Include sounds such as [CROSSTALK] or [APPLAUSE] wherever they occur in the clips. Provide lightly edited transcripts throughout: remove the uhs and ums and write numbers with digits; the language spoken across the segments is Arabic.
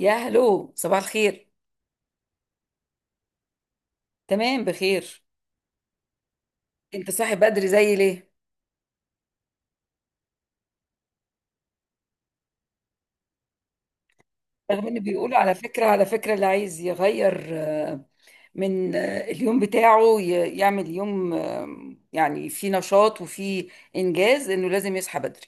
يا هلو، صباح الخير. تمام بخير. انت صاحي بدري زي ليه؟ رغم ان بيقولوا على فكرة اللي عايز يغير من اليوم بتاعه يعمل يوم يعني فيه نشاط وفيه انجاز انه لازم يصحى بدري.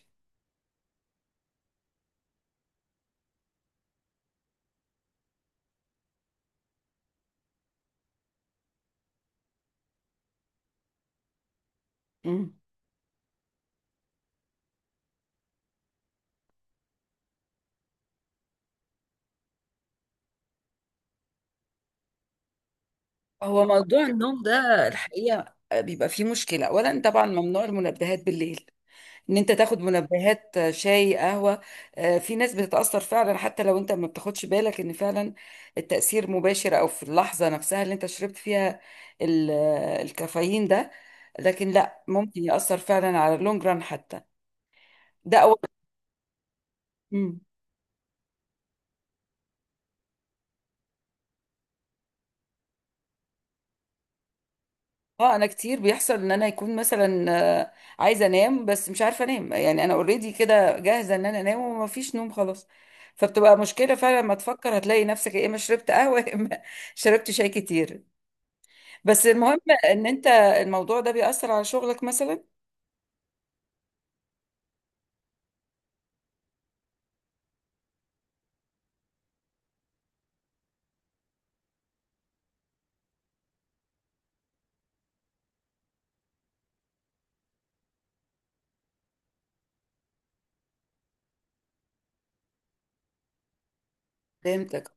مم. هو موضوع النوم ده الحقيقة بيبقى فيه مشكلة. اولا طبعا ممنوع المنبهات بالليل، ان انت تاخد منبهات شاي، قهوة. في ناس بتتأثر فعلا حتى لو انت ما بتاخدش بالك ان فعلا التأثير مباشر او في اللحظة نفسها اللي انت شربت فيها الكافيين ده، لكن لا، ممكن يأثر فعلا على اللونج ران حتى. ده اول. مم. اه انا كتير بيحصل ان انا يكون مثلا آه، عايزة انام بس مش عارفة انام، يعني انا اوريدي كده جاهزة ان انا انام وما فيش نوم خلاص. فبتبقى مشكلة فعلا، ما تفكر هتلاقي نفسك يا اما شربت قهوة يا اما [LAUGHS] شربت شاي كتير. بس المهم ان انت الموضوع ده بيأثر على شغلك مثلا. فهمتك.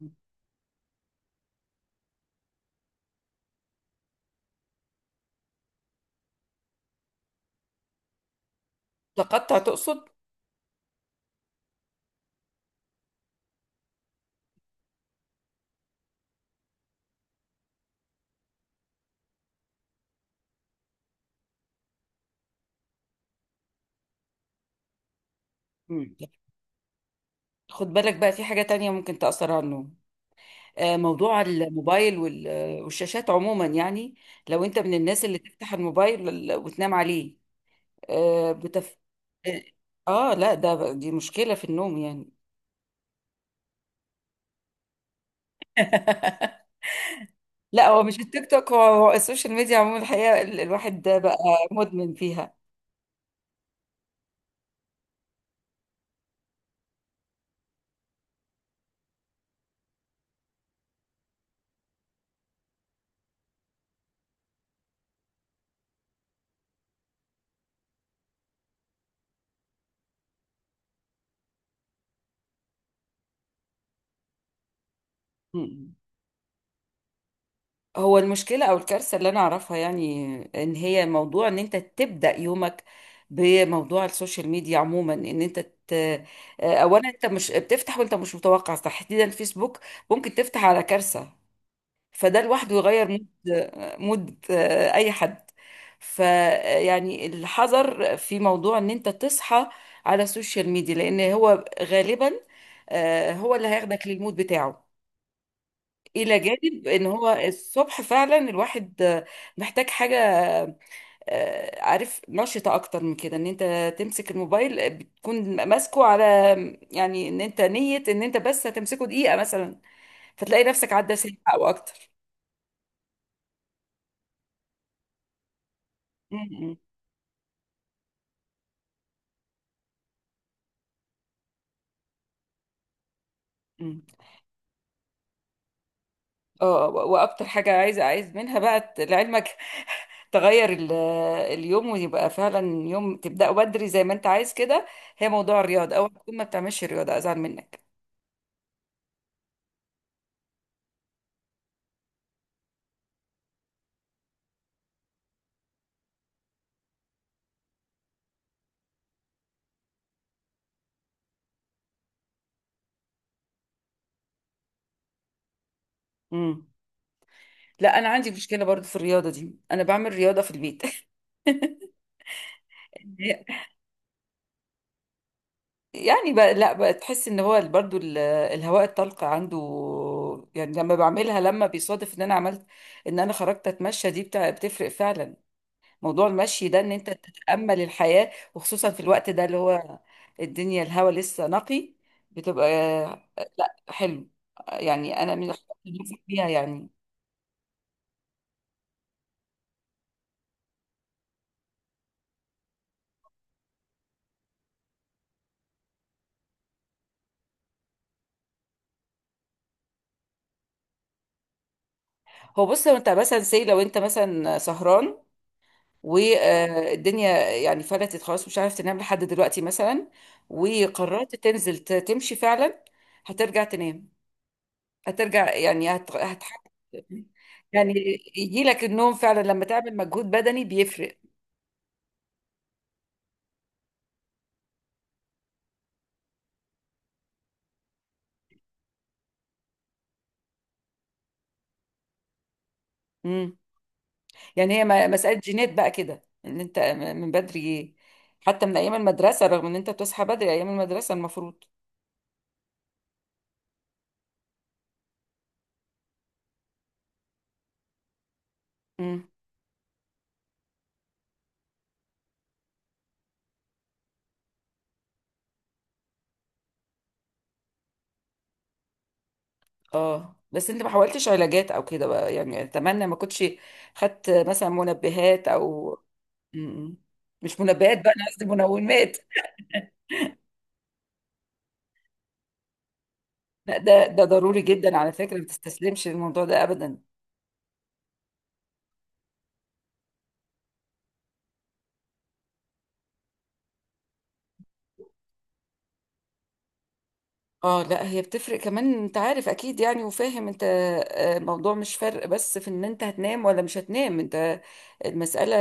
تقطع تقصد. مم. خد بالك بقى، في حاجة تانية ممكن تأثر على النوم، موضوع الموبايل والشاشات عموما، يعني لو انت من الناس اللي تفتح الموبايل وتنام عليه. آه، بتف... اه. لا ده، دي مشكلة في النوم يعني. [LAUGHS] لا، هو مش التيك توك، هو السوشيال ميديا عموما الحقيقة. الواحد ده بقى مدمن فيها. هو المشكلة أو الكارثة اللي أنا أعرفها، يعني إن هي موضوع إن أنت تبدأ يومك بموضوع السوشيال ميديا عموما، إن أنت ت... آه، أولا أنت مش بتفتح وأنت مش متوقع، تحديدا فيسبوك، ممكن تفتح على كارثة. فده لوحده يغير مود، مود أي حد. فيعني الحذر في موضوع إن أنت تصحى على السوشيال ميديا، لأن هو غالبا هو اللي هياخدك للمود بتاعه. الى جانب ان هو الصبح فعلا الواحد محتاج حاجه عارف، نشطه اكتر من كده. ان انت تمسك الموبايل بتكون ماسكه على، يعني ان انت نيه ان انت بس هتمسكه دقيقه مثلا، فتلاقي نفسك عدى ساعه او اكتر. م- م- م. اه، واكتر حاجه عايز منها بقى، لعلمك، تغير اليوم، ويبقى فعلا يوم تبداه بدري زي ما انت عايز كده. هي موضوع الرياضه، او تكون ما بتعملش رياضه ازعل منك. لا انا عندي مشكله برضو في الرياضه دي، انا بعمل رياضه في البيت. [LAUGHS] يعني بقى لا بقى، تحس ان هو برضو الهواء الطلق عنده، يعني لما بعملها، لما بيصادف ان انا عملت ان انا خرجت اتمشى دي بتاع، بتفرق فعلا. موضوع المشي ده، ان انت تتامل الحياه، وخصوصا في الوقت ده اللي هو الدنيا الهواء لسه نقي، بتبقى لا حلو. يعني انا من الحاجات اللي بنفرح بيها يعني. هو بص، لو انت مثلا سهران والدنيا يعني فلتت خلاص، مش عارف تنام لحد دلوقتي مثلا، وقررت تنزل تمشي فعلا، هترجع تنام، هترجع يعني هتحقق. [LAUGHS] يعني يجي لك النوم فعلا لما تعمل مجهود بدني، بيفرق. امم. يعني هي مسألة جينات بقى كده، ان انت من بدري، حتى من ايام المدرسة، رغم ان انت بتصحى بدري ايام المدرسة المفروض. امم. اه بس انت ما حاولتش علاجات او كده بقى، يعني اتمنى ما كنتش خدت مثلا منبهات او. م-م. مش منبهات بقى، انا قصدي منومات. لا، ده ضروري جدا على فكره، ما تستسلمش للموضوع ده ابدا. اه لا، هي بتفرق كمان، انت عارف اكيد يعني وفاهم انت. الموضوع مش فرق بس في ان انت هتنام ولا مش هتنام، انت المسألة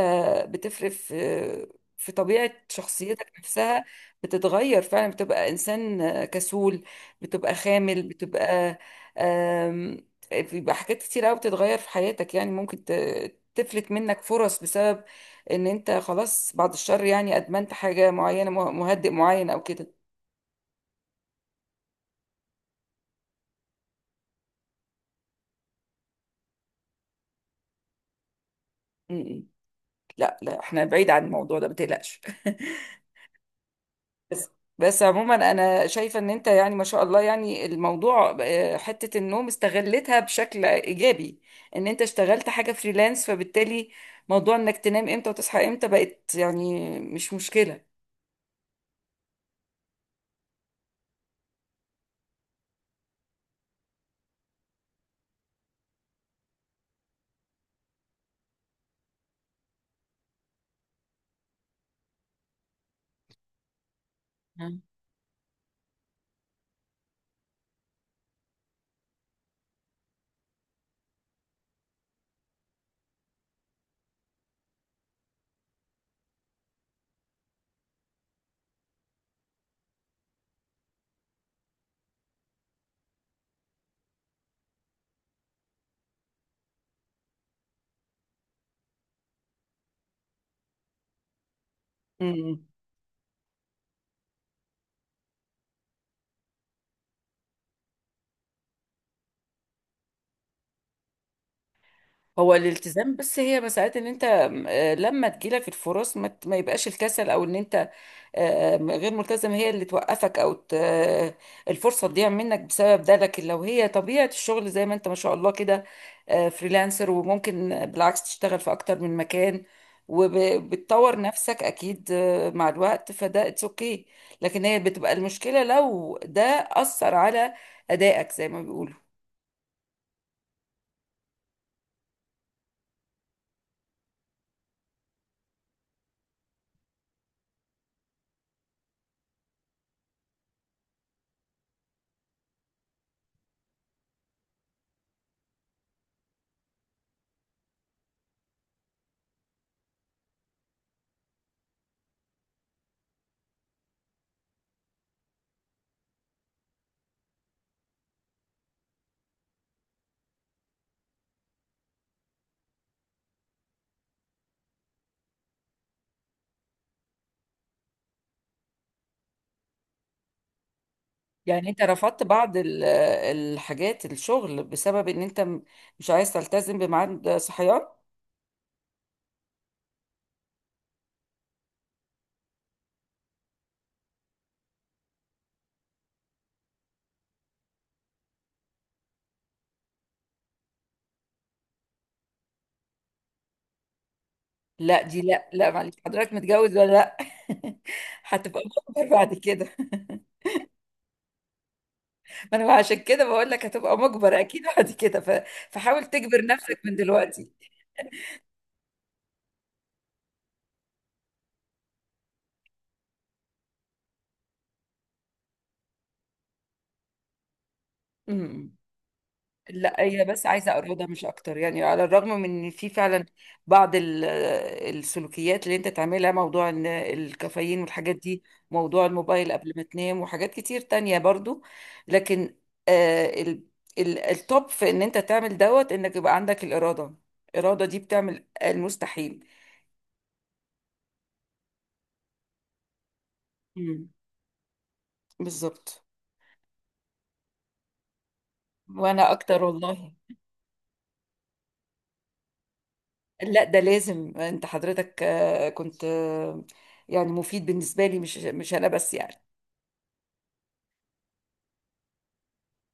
بتفرق في في طبيعة شخصيتك نفسها. بتتغير فعلا، بتبقى انسان كسول، بتبقى خامل، بتبقى آم، بيبقى حاجات كتير قوي بتتغير في حياتك، يعني ممكن تفلت منك فرص بسبب ان انت خلاص، بعد الشر، يعني ادمنت حاجة معينة، مهدئ معين او كده. لا لا، احنا بعيد عن الموضوع ده ما تقلقش. [LAUGHS] بس بس عموما انا شايفه ان انت، يعني ما شاء الله، يعني الموضوع حته النوم استغلتها بشكل ايجابي، ان انت اشتغلت حاجه فريلانس، فبالتالي موضوع انك تنام امتى وتصحى امتى بقت يعني مش مشكله. مم. امم. هو الالتزام بس هي مسألة ان انت لما تجيلك الفرص ما ما يبقاش الكسل او ان انت غير ملتزم هي اللي توقفك، او الفرصة تضيع منك بسبب ده. لكن لو هي طبيعة الشغل زي ما انت ما شاء الله كده فريلانسر، وممكن بالعكس تشتغل في اكتر من مكان وبتطور نفسك اكيد مع الوقت، فده اتس اوكي. لكن هي بتبقى المشكلة لو ده أثر على أدائك زي ما بيقولوا. يعني انت رفضت بعض الحاجات الشغل بسبب ان انت مش عايز تلتزم بميعاد صحيان. لا دي، لا لا معلش، حضرتك متجوز ولا لا؟ [LAUGHS] هتبقى مجبر بعد كده. ما انا عشان كده بقول لك هتبقى مجبر اكيد بعد كده، فحاول تجبر نفسك من دلوقتي. امم. لا هي بس عايزه اراده مش اكتر، يعني على الرغم من ان في فعلا بعض السلوكيات اللي انت تعملها، موضوع ان الكافيين والحاجات دي، موضوع الموبايل قبل ما تنام، وحاجات كتير تانية برضو. لكن آه، التوب في ان انت تعمل دوت، انك يبقى عندك الاراده. الاراده دي بتعمل المستحيل. مم. بالظبط. وانا اكتر والله. لا ده لازم، انت حضرتك آه، كنت آه، يعني مفيد بالنسبه لي، مش انا بس يعني.